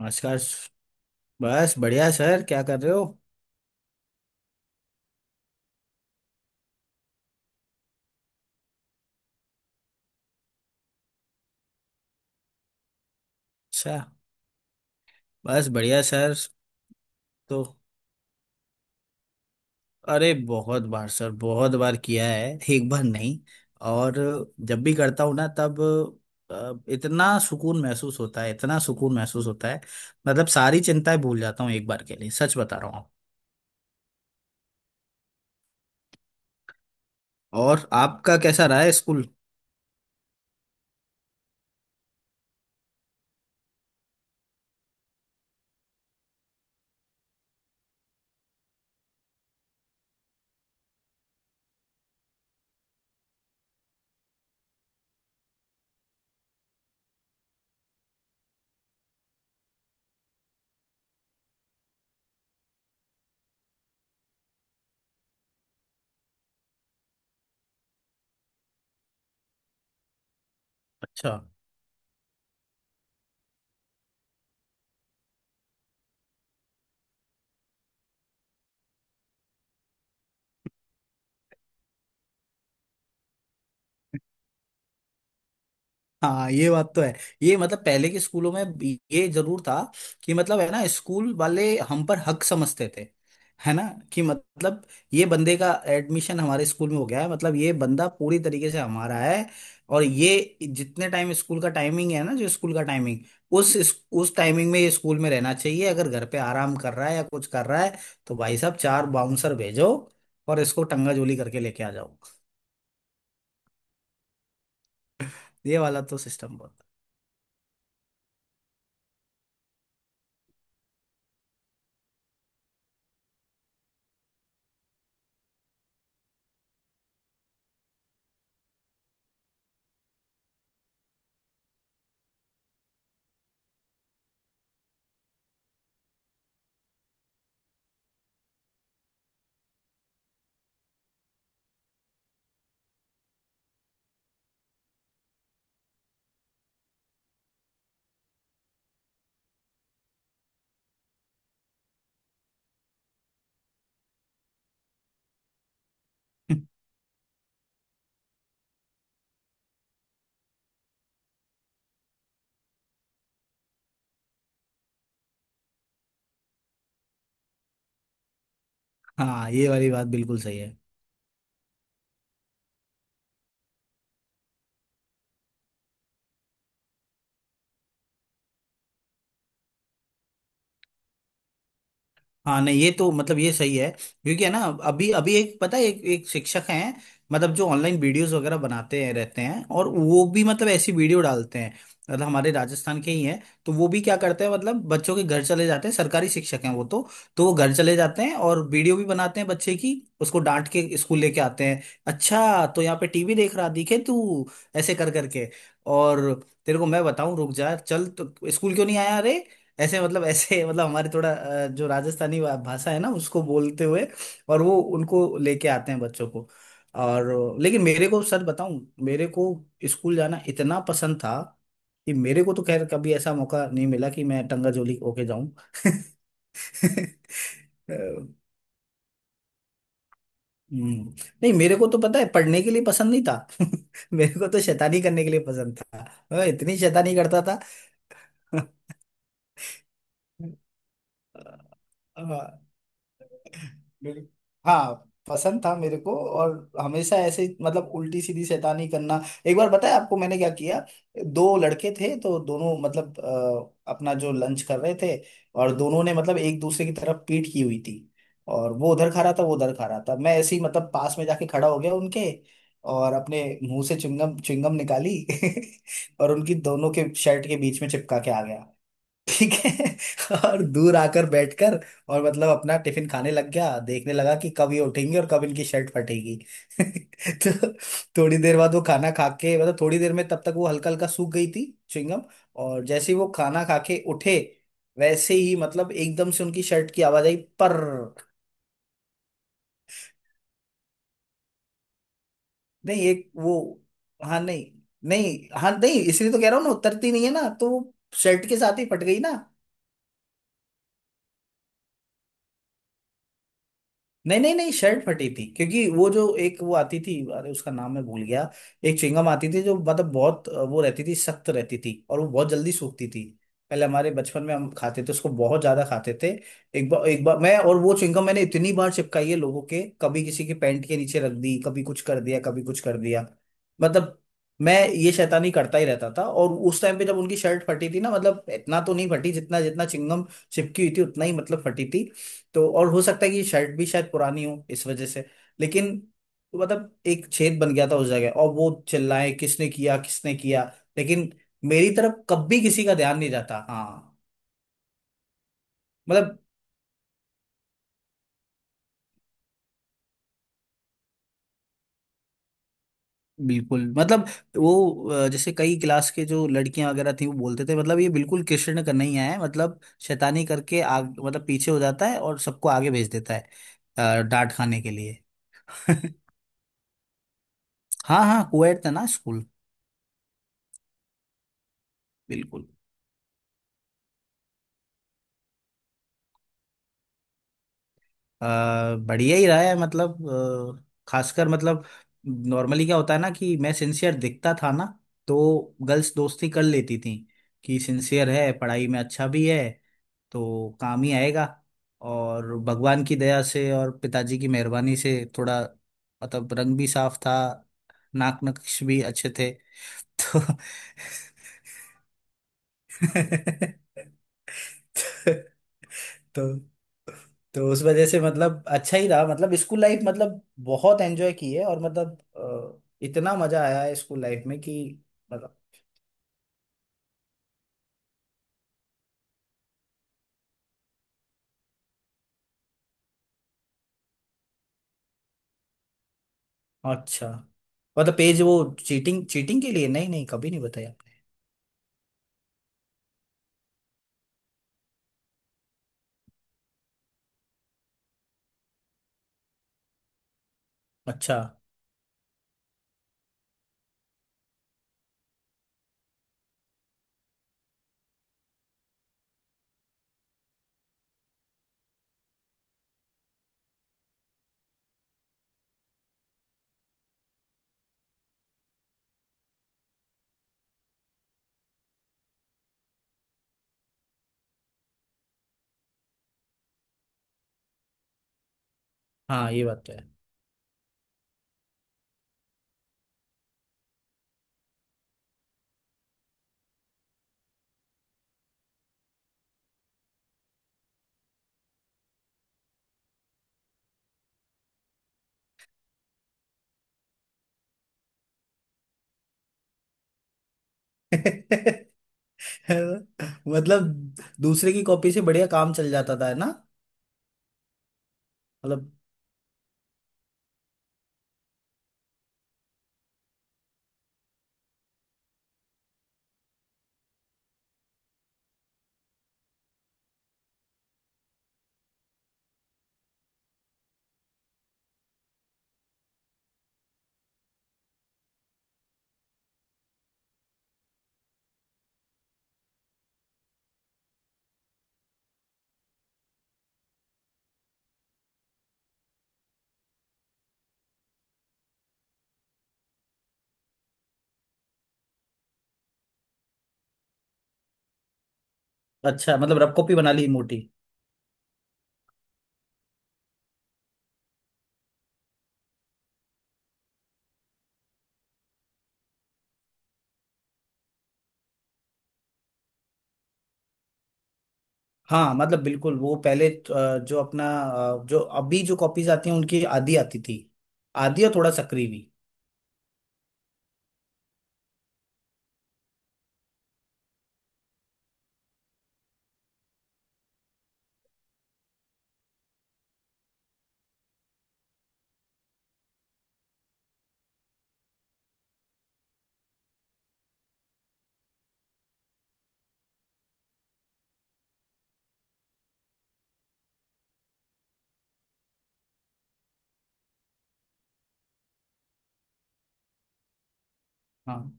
नमस्कार बस बढ़िया सर, क्या कर रहे हो? अच्छा। बस बढ़िया सर। तो अरे बहुत बार सर, बहुत बार किया है, एक बार नहीं। और जब भी करता हूँ ना, तब इतना सुकून महसूस होता है, इतना सुकून महसूस होता है। मतलब सारी चिंताएं भूल जाता हूँ एक बार के लिए, सच बता रहा हूँ। और आपका कैसा रहा है स्कूल? अच्छा। हाँ, ये बात तो है। ये मतलब पहले के स्कूलों में भी ये जरूर था, कि मतलब, है ना, स्कूल वाले हम पर हक समझते थे, है ना। कि मतलब ये बंदे का एडमिशन हमारे स्कूल में हो गया है, मतलब ये बंदा पूरी तरीके से हमारा है। और ये जितने टाइम स्कूल का टाइमिंग है ना, जो स्कूल का टाइमिंग, उस उस टाइमिंग में ये स्कूल में रहना चाहिए। अगर घर पे आराम कर रहा है या कुछ कर रहा है, तो भाई साहब चार बाउंसर भेजो और इसको टंगाजोली करके लेके आ जाओ। ये वाला तो सिस्टम बहुत हाँ, ये वाली बात बिल्कुल सही है। हाँ नहीं, ये तो मतलब ये सही है। क्योंकि है ना, अभी अभी एक पता है, एक एक शिक्षक हैं। मतलब जो ऑनलाइन वीडियोस वगैरह बनाते हैं रहते हैं, और वो भी मतलब ऐसी वीडियो डालते हैं। मतलब हमारे राजस्थान के ही हैं, तो वो भी क्या करते हैं, मतलब बच्चों के घर चले जाते हैं, सरकारी शिक्षक हैं वो तो। तो वो घर चले जाते हैं और वीडियो भी बनाते हैं बच्चे की। उसको डांट के स्कूल लेके आते हैं। अच्छा, तो यहाँ पे टीवी देख रहा, दिखे तू, ऐसे कर करके। और तेरे को मैं बताऊं, रुक जा, चल तो स्कूल क्यों नहीं आया, अरे। ऐसे मतलब ऐसे मतलब हमारे थोड़ा जो राजस्थानी भाषा है ना, उसको बोलते हुए। और वो उनको लेके आते हैं बच्चों को। और लेकिन मेरे को सर बताऊं, मेरे को स्कूल जाना इतना पसंद था, कि मेरे को तो खैर कभी ऐसा मौका नहीं मिला कि मैं टंगा जोली होके जाऊं अ, हम्म, नहीं, मेरे को तो पता है, पढ़ने के लिए पसंद नहीं था मेरे को तो शैतानी करने के लिए पसंद था। मैं इतनी शैतानी करता था। बिल- हाँ, पसंद था मेरे को और हमेशा ऐसे ही, मतलब उल्टी सीधी शैतानी करना। एक बार बताया आपको मैंने क्या किया? दो लड़के थे, तो दोनों मतलब अपना जो लंच कर रहे थे। और दोनों ने मतलब एक दूसरे की तरफ पीठ की हुई थी। और वो उधर खा रहा था, वो उधर खा रहा था। मैं ऐसे ही मतलब पास में जाके खड़ा हो गया उनके, और अपने मुंह से चुंगम चुंगम निकाली और उनकी दोनों के शर्ट के बीच में चिपका के आ गया। ठीक है और दूर आकर बैठकर, और मतलब अपना टिफिन खाने लग गया, देखने लगा कि कब ये उठेंगे और कब इनकी शर्ट फटेगी तो थोड़ी देर बाद वो खाना खा के, मतलब थोड़ी देर में, तब तक वो हल्का हल्का सूख गई थी, च्युइंगम। और जैसे ही वो खाना खा के उठे, वैसे ही मतलब एकदम से उनकी शर्ट की आवाज आई। पर नहीं, एक वो, हाँ नहीं, नहीं, हाँ नहीं, इसलिए तो कह रहा हूँ ना, उतरती नहीं है ना, तो शर्ट के साथ ही फट गई ना। नहीं नहीं नहीं, शर्ट फटी थी, क्योंकि वो जो एक वो आती थी, अरे उसका नाम मैं भूल गया। एक च्युइंगम आती थी जो मतलब बहुत वो रहती थी, सख्त रहती थी, और वो बहुत जल्दी सूखती थी। पहले हमारे बचपन में हम खाते थे उसको, बहुत ज्यादा खाते थे। एक बार, मैं और वो च्युइंगम, मैंने इतनी बार चिपकाई है लोगों के, कभी किसी के पैंट के नीचे रख दी, कभी कुछ कर दिया, कभी कुछ कर दिया। मतलब मैं ये शैतानी करता ही रहता था। और उस टाइम पे जब उनकी शर्ट फटी थी ना, मतलब इतना तो नहीं फटी, जितना जितना चिंगम चिपकी हुई थी उतना ही मतलब फटी थी। तो, और हो सकता है कि शर्ट भी शायद पुरानी हो इस वजह से, लेकिन, तो मतलब एक छेद बन गया था उस जगह, और वो चिल्लाए, किसने किया, किसने किया। लेकिन मेरी तरफ कभी किसी का ध्यान नहीं जाता, हाँ। मतलब बिल्कुल, मतलब वो जैसे कई क्लास के जो लड़कियां वगैरह थी, वो बोलते थे मतलब, ये बिल्कुल कृष्ण का नहीं है, मतलब शैतानी करके आग, मतलब पीछे हो जाता है और सबको आगे भेज देता है, डांट खाने के लिए हाँ हाँ, कोएड था ना स्कूल। बिल्कुल। अ, बढ़िया ही रहा है, मतलब खासकर, मतलब नॉर्मली क्या होता है ना, कि मैं सिंसियर दिखता था ना, तो गर्ल्स दोस्ती कर लेती थी, कि सिंसियर है, पढ़ाई में अच्छा भी है, तो काम ही आएगा। और भगवान की दया से और पिताजी की मेहरबानी से, थोड़ा मतलब रंग भी साफ था, नाक नक्श भी अच्छे थे तो तो तो तो उस वजह से मतलब अच्छा ही रहा, मतलब स्कूल लाइफ, मतलब बहुत एंजॉय की है, और मतलब इतना मजा आया है स्कूल लाइफ में कि मतलब। अच्छा, मतलब पेज वो चीटिंग, चीटिंग के लिए? नहीं नहीं, कभी नहीं बताया आपने। अच्छा। हाँ, ये बात तो है मतलब दूसरे की कॉपी से बढ़िया काम चल जाता था, है ना। मतलब, अच्छा मतलब रफ कॉपी बना ली मोटी। हाँ, मतलब बिल्कुल, वो पहले जो अपना जो अभी जो कॉपीज आती हैं, उनकी आधी आती थी, आधी और थोड़ा सक्री भी। हाँ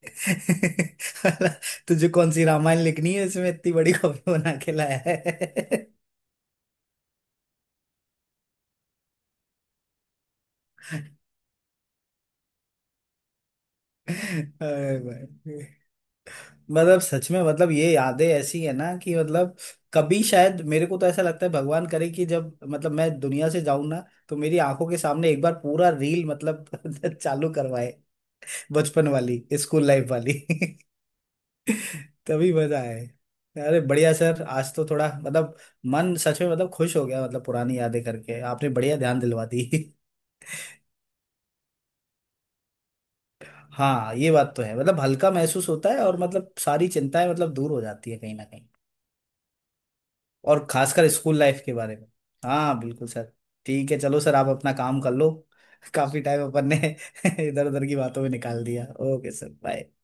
तुझे कौन सी रामायण लिखनी है इसमें, इतनी बड़ी कॉपी बना के लाया है? अरे भाई, मतलब सच में मतलब ये यादें ऐसी है ना, कि मतलब कभी, शायद मेरे को तो ऐसा लगता है, भगवान करे कि जब मतलब मैं दुनिया से जाऊं ना, तो मेरी आंखों के सामने एक बार पूरा रील मतलब चालू करवाए। बचपन वाली स्कूल लाइफ वाली तभी मजा आए। अरे बढ़िया सर, आज तो थोड़ा मतलब मन सच में मतलब खुश हो गया, मतलब पुरानी यादें करके आपने बढ़िया ध्यान दिलवा दी। हाँ, ये बात तो है, मतलब हल्का महसूस होता है और मतलब सारी चिंताएं मतलब दूर हो जाती है, कहीं ना कहीं। और खासकर स्कूल लाइफ के बारे में। हाँ बिल्कुल सर। ठीक है, चलो सर, आप अपना काम कर लो। काफी टाइम अपन ने इधर उधर की बातों में निकाल दिया। Okay sir, bye.